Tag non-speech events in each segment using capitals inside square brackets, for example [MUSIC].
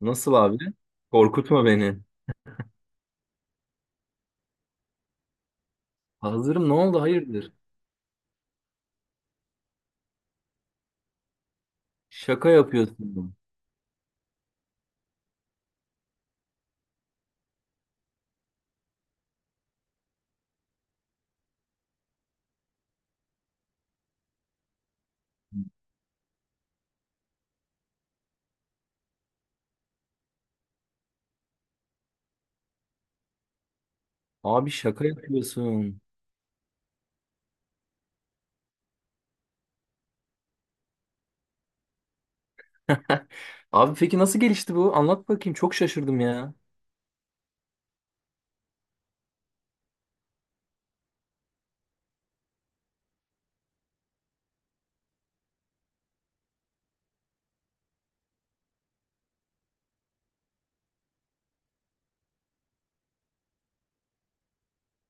Nasıl abi? Korkutma beni. Hazırım ne oldu hayırdır? Şaka yapıyorsun. Abi şaka yapıyorsun. [LAUGHS] Abi peki nasıl gelişti bu? Anlat bakayım. Çok şaşırdım ya.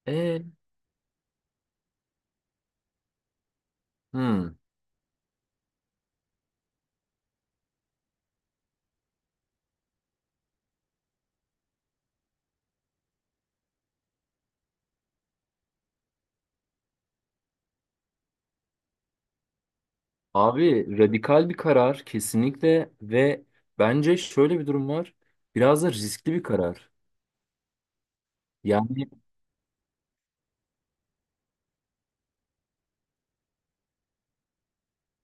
E, hmm. Abi radikal bir karar kesinlikle ve bence şöyle bir durum var. Biraz da riskli bir karar. Yani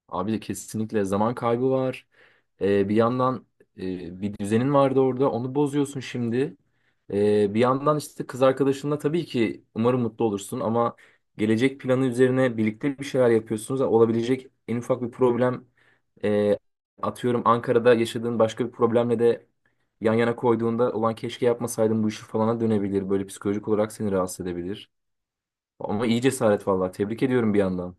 abi de kesinlikle zaman kaybı var. Bir yandan bir düzenin vardı orada. Onu bozuyorsun şimdi. Bir yandan işte kız arkadaşınla tabii ki umarım mutlu olursun ama gelecek planı üzerine birlikte bir şeyler yapıyorsunuz. Olabilecek en ufak bir problem e, atıyorum Ankara'da yaşadığın başka bir problemle de yan yana koyduğunda olan keşke yapmasaydım bu işi falana dönebilir. Böyle psikolojik olarak seni rahatsız edebilir. Ama iyi cesaret vallahi. Tebrik ediyorum bir yandan.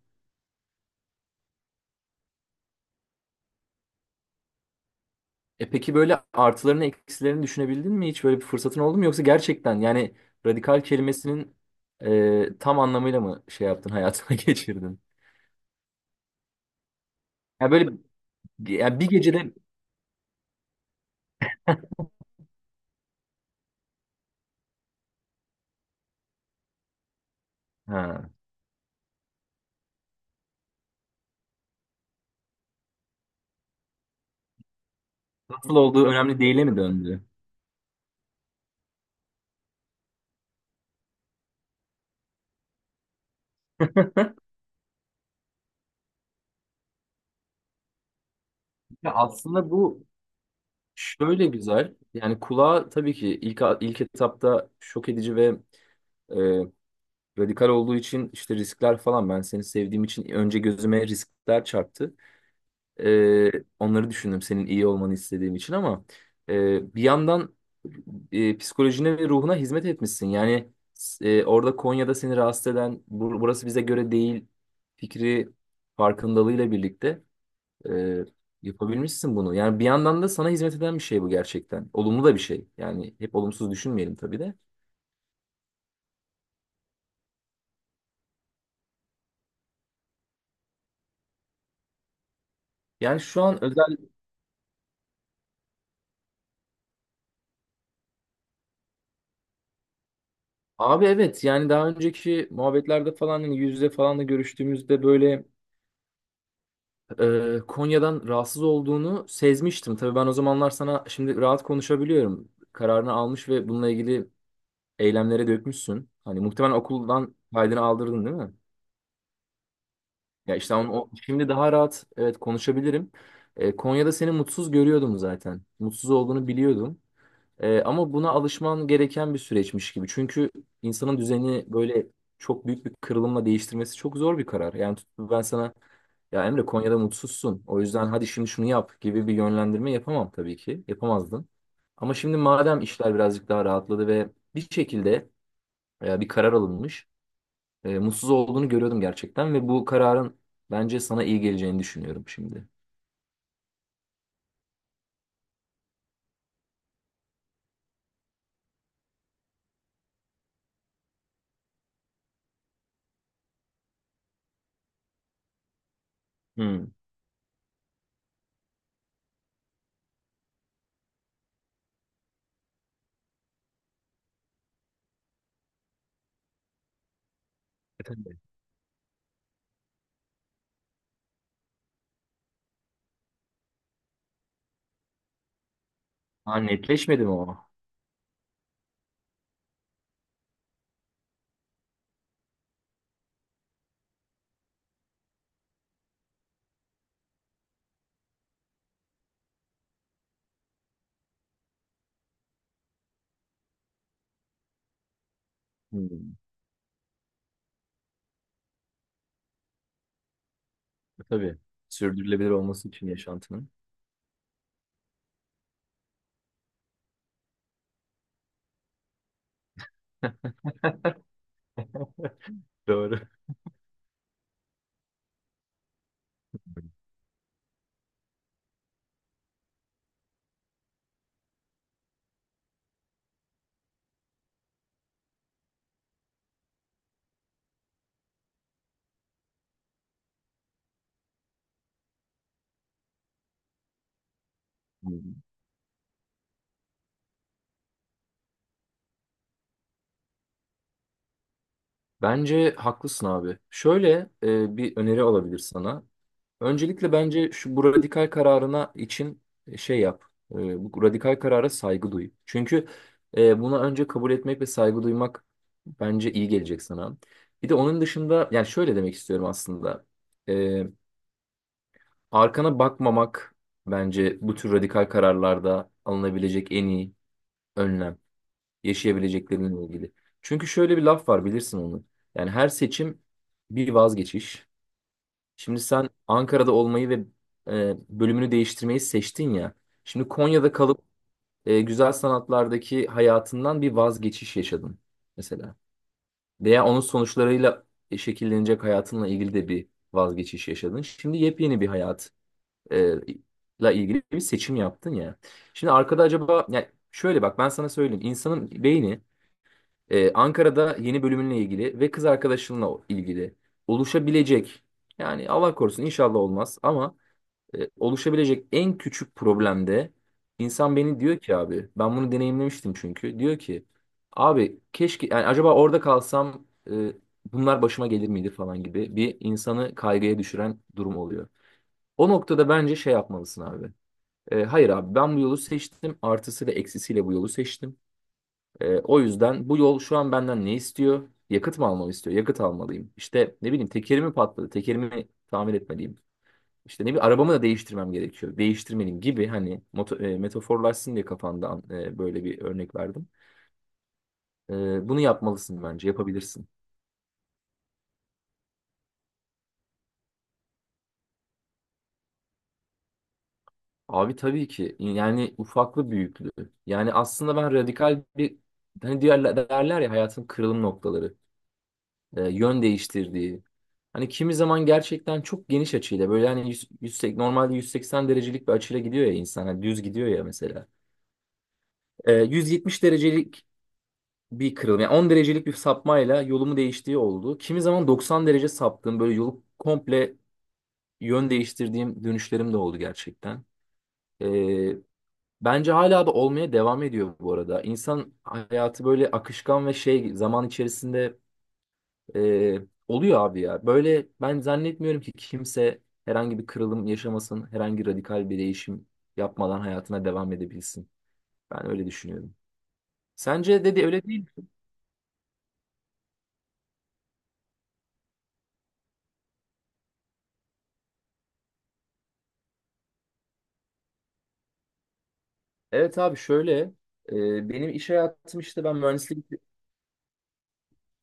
E peki böyle artılarını eksilerini düşünebildin mi? Hiç böyle bir fırsatın oldu mu? Yoksa gerçekten yani radikal kelimesinin tam anlamıyla mı şey yaptın hayatına [LAUGHS] geçirdin? Ya böyle yani bir gecede ha, nasıl olduğu önemli değile mi döndü? Ya aslında bu şöyle güzel. Yani kulağa tabii ki ilk etapta şok edici ve e, radikal olduğu için işte riskler falan ben seni sevdiğim için önce gözüme riskler çarptı. Ee, onları düşündüm senin iyi olmanı istediğim için ama bir yandan psikolojine ve ruhuna hizmet etmişsin. Yani orada Konya'da seni rahatsız eden burası bize göre değil" fikri farkındalığıyla birlikte e, yapabilmişsin bunu. Yani bir yandan da sana hizmet eden bir şey bu gerçekten. Olumlu da bir şey. Yani hep olumsuz düşünmeyelim tabii de. Yani şu an özel. Abi evet, yani daha önceki muhabbetlerde falan hani yüz yüze falan da görüştüğümüzde böyle Konya'dan rahatsız olduğunu sezmiştim. Tabii ben o zamanlar sana şimdi rahat konuşabiliyorum. Kararını almış ve bununla ilgili eylemlere dökmüşsün. Hani muhtemelen okuldan kaydını aldırdın değil mi? Ya işte onu, şimdi daha rahat evet konuşabilirim. Konya'da seni mutsuz görüyordum zaten. Mutsuz olduğunu biliyordum. Ama buna alışman gereken bir süreçmiş gibi. Çünkü insanın düzeni böyle çok büyük bir kırılımla değiştirmesi çok zor bir karar. Yani ben sana ya Emre Konya'da mutsuzsun. O yüzden hadi şimdi şunu yap gibi bir yönlendirme yapamam tabii ki. Yapamazdım. Ama şimdi madem işler birazcık daha rahatladı ve bir şekilde bir karar alınmış. Mutsuz olduğunu görüyordum gerçekten ve bu kararın bence sana iyi geleceğini düşünüyorum şimdi. Hmm. E, tabii. Ha, netleşmedi mi o? Hmm. E, tabii. Sürdürülebilir olması için yaşantının. [LAUGHS] Doğru. Hmm. Bence haklısın abi. Şöyle bir öneri olabilir sana. Öncelikle bence şu bu radikal kararına için şey yap. E, bu radikal karara saygı duy. Çünkü buna önce kabul etmek ve saygı duymak bence iyi gelecek sana. Bir de onun dışında yani şöyle demek istiyorum aslında. E, arkana bakmamak bence bu tür radikal kararlarda alınabilecek en iyi önlem yaşayabilecekleriyle ilgili. Çünkü şöyle bir laf var bilirsin onu. Yani her seçim bir vazgeçiş. Şimdi sen Ankara'da olmayı ve bölümünü değiştirmeyi seçtin ya. Şimdi Konya'da kalıp güzel sanatlardaki hayatından bir vazgeçiş yaşadın mesela. Veya onun sonuçlarıyla şekillenecek hayatınla ilgili de bir vazgeçiş yaşadın. Şimdi yepyeni bir hayat e, la ilgili bir seçim yaptın ya. Şimdi arkada acaba yani şöyle bak ben sana söyleyeyim. İnsanın beyni Ankara'da yeni bölümünle ilgili ve kız arkadaşınla ilgili oluşabilecek yani Allah korusun inşallah olmaz ama oluşabilecek en küçük problemde insan beni diyor ki abi ben bunu deneyimlemiştim çünkü diyor ki abi keşke yani acaba orada kalsam bunlar başıma gelir miydi falan gibi bir insanı kaygıya düşüren durum oluyor. O noktada bence şey yapmalısın abi. Hayır abi ben bu yolu seçtim artısıyla eksisiyle bu yolu seçtim. O yüzden bu yol şu an benden ne istiyor? Yakıt mı almamı istiyor? Yakıt almalıyım. İşte ne bileyim tekerimi patladı. Tekerimi tamir etmeliyim. İşte ne bir arabamı da değiştirmem gerekiyor. Değiştirmeliyim gibi hani metaforlaşsın diye kafamda böyle bir örnek verdim. Bunu yapmalısın bence yapabilirsin. Abi tabii ki yani ufaklı büyüklü. Yani aslında ben radikal bir hani diğer derler ya hayatın kırılım noktaları. Yön değiştirdiği. Hani kimi zaman gerçekten çok geniş açıyla böyle hani 100, 180 normalde 180 derecelik bir açıyla gidiyor ya insan hani düz gidiyor ya mesela. 170 derecelik bir kırılma yani 10 derecelik bir sapmayla yolumu değiştiği oldu. Kimi zaman 90 derece saptığım böyle yolu komple yön değiştirdiğim dönüşlerim de oldu gerçekten. E, Bence hala da olmaya devam ediyor bu arada. İnsan hayatı böyle akışkan ve şey zaman içerisinde Ee, oluyor abi ya. Böyle ben zannetmiyorum ki kimse herhangi bir kırılım yaşamasın, herhangi radikal bir değişim yapmadan hayatına devam edebilsin. Ben öyle düşünüyorum. Sence dedi öyle değil mi? Evet abi şöyle benim iş hayatım işte ben mühendisliği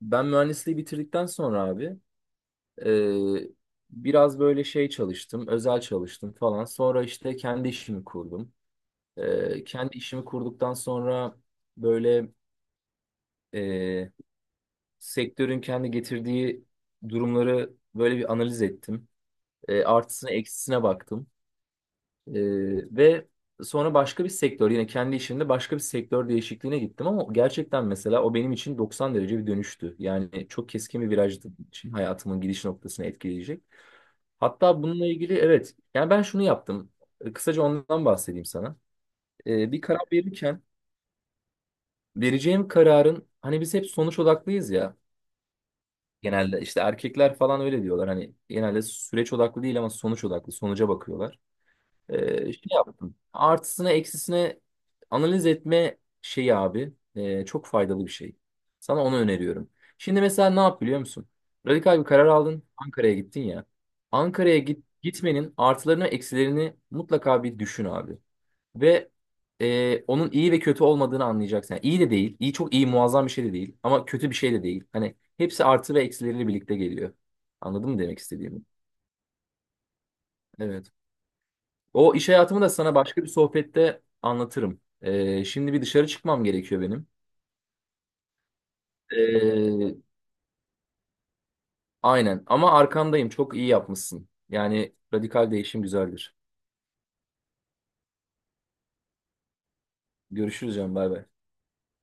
ben mühendisliği bitirdikten sonra abi e, biraz böyle şey çalıştım, özel çalıştım falan. Sonra işte kendi işimi kurdum. Kendi işimi kurduktan sonra böyle sektörün kendi getirdiği durumları böyle bir analiz ettim. Artısına eksisine baktım. E, ve sonra başka bir sektör yine kendi işimde başka bir sektör değişikliğine gittim ama gerçekten mesela o benim için 90 derece bir dönüştü. Yani çok keskin bir virajdı benim için hayatımın gidiş noktasını etkileyecek. Hatta bununla ilgili evet yani ben şunu yaptım. Kısaca ondan bahsedeyim sana. Bir karar verirken vereceğim kararın hani biz hep sonuç odaklıyız ya. Genelde işte erkekler falan öyle diyorlar. Hani genelde süreç odaklı değil ama sonuç odaklı. Sonuca bakıyorlar. Şey yaptım. Artısına eksisine analiz etme şeyi abi çok faydalı bir şey. Sana onu öneriyorum. Şimdi mesela ne yap biliyor musun? Radikal bir karar aldın. Ankara'ya gittin ya. Ankara'ya git, gitmenin artılarını eksilerini mutlaka bir düşün abi. Ve onun iyi ve kötü olmadığını anlayacaksın. Yani iyi de değil. İyi çok iyi muazzam bir şey de değil. Ama kötü bir şey de değil. Hani hepsi artı ve eksileriyle birlikte geliyor. Anladın mı demek istediğimi? Evet. O iş hayatımı da sana başka bir sohbette anlatırım. Şimdi bir dışarı çıkmam gerekiyor benim. E, aynen. Ama arkandayım. Çok iyi yapmışsın. Yani radikal değişim güzeldir. Görüşürüz canım. Bay bay.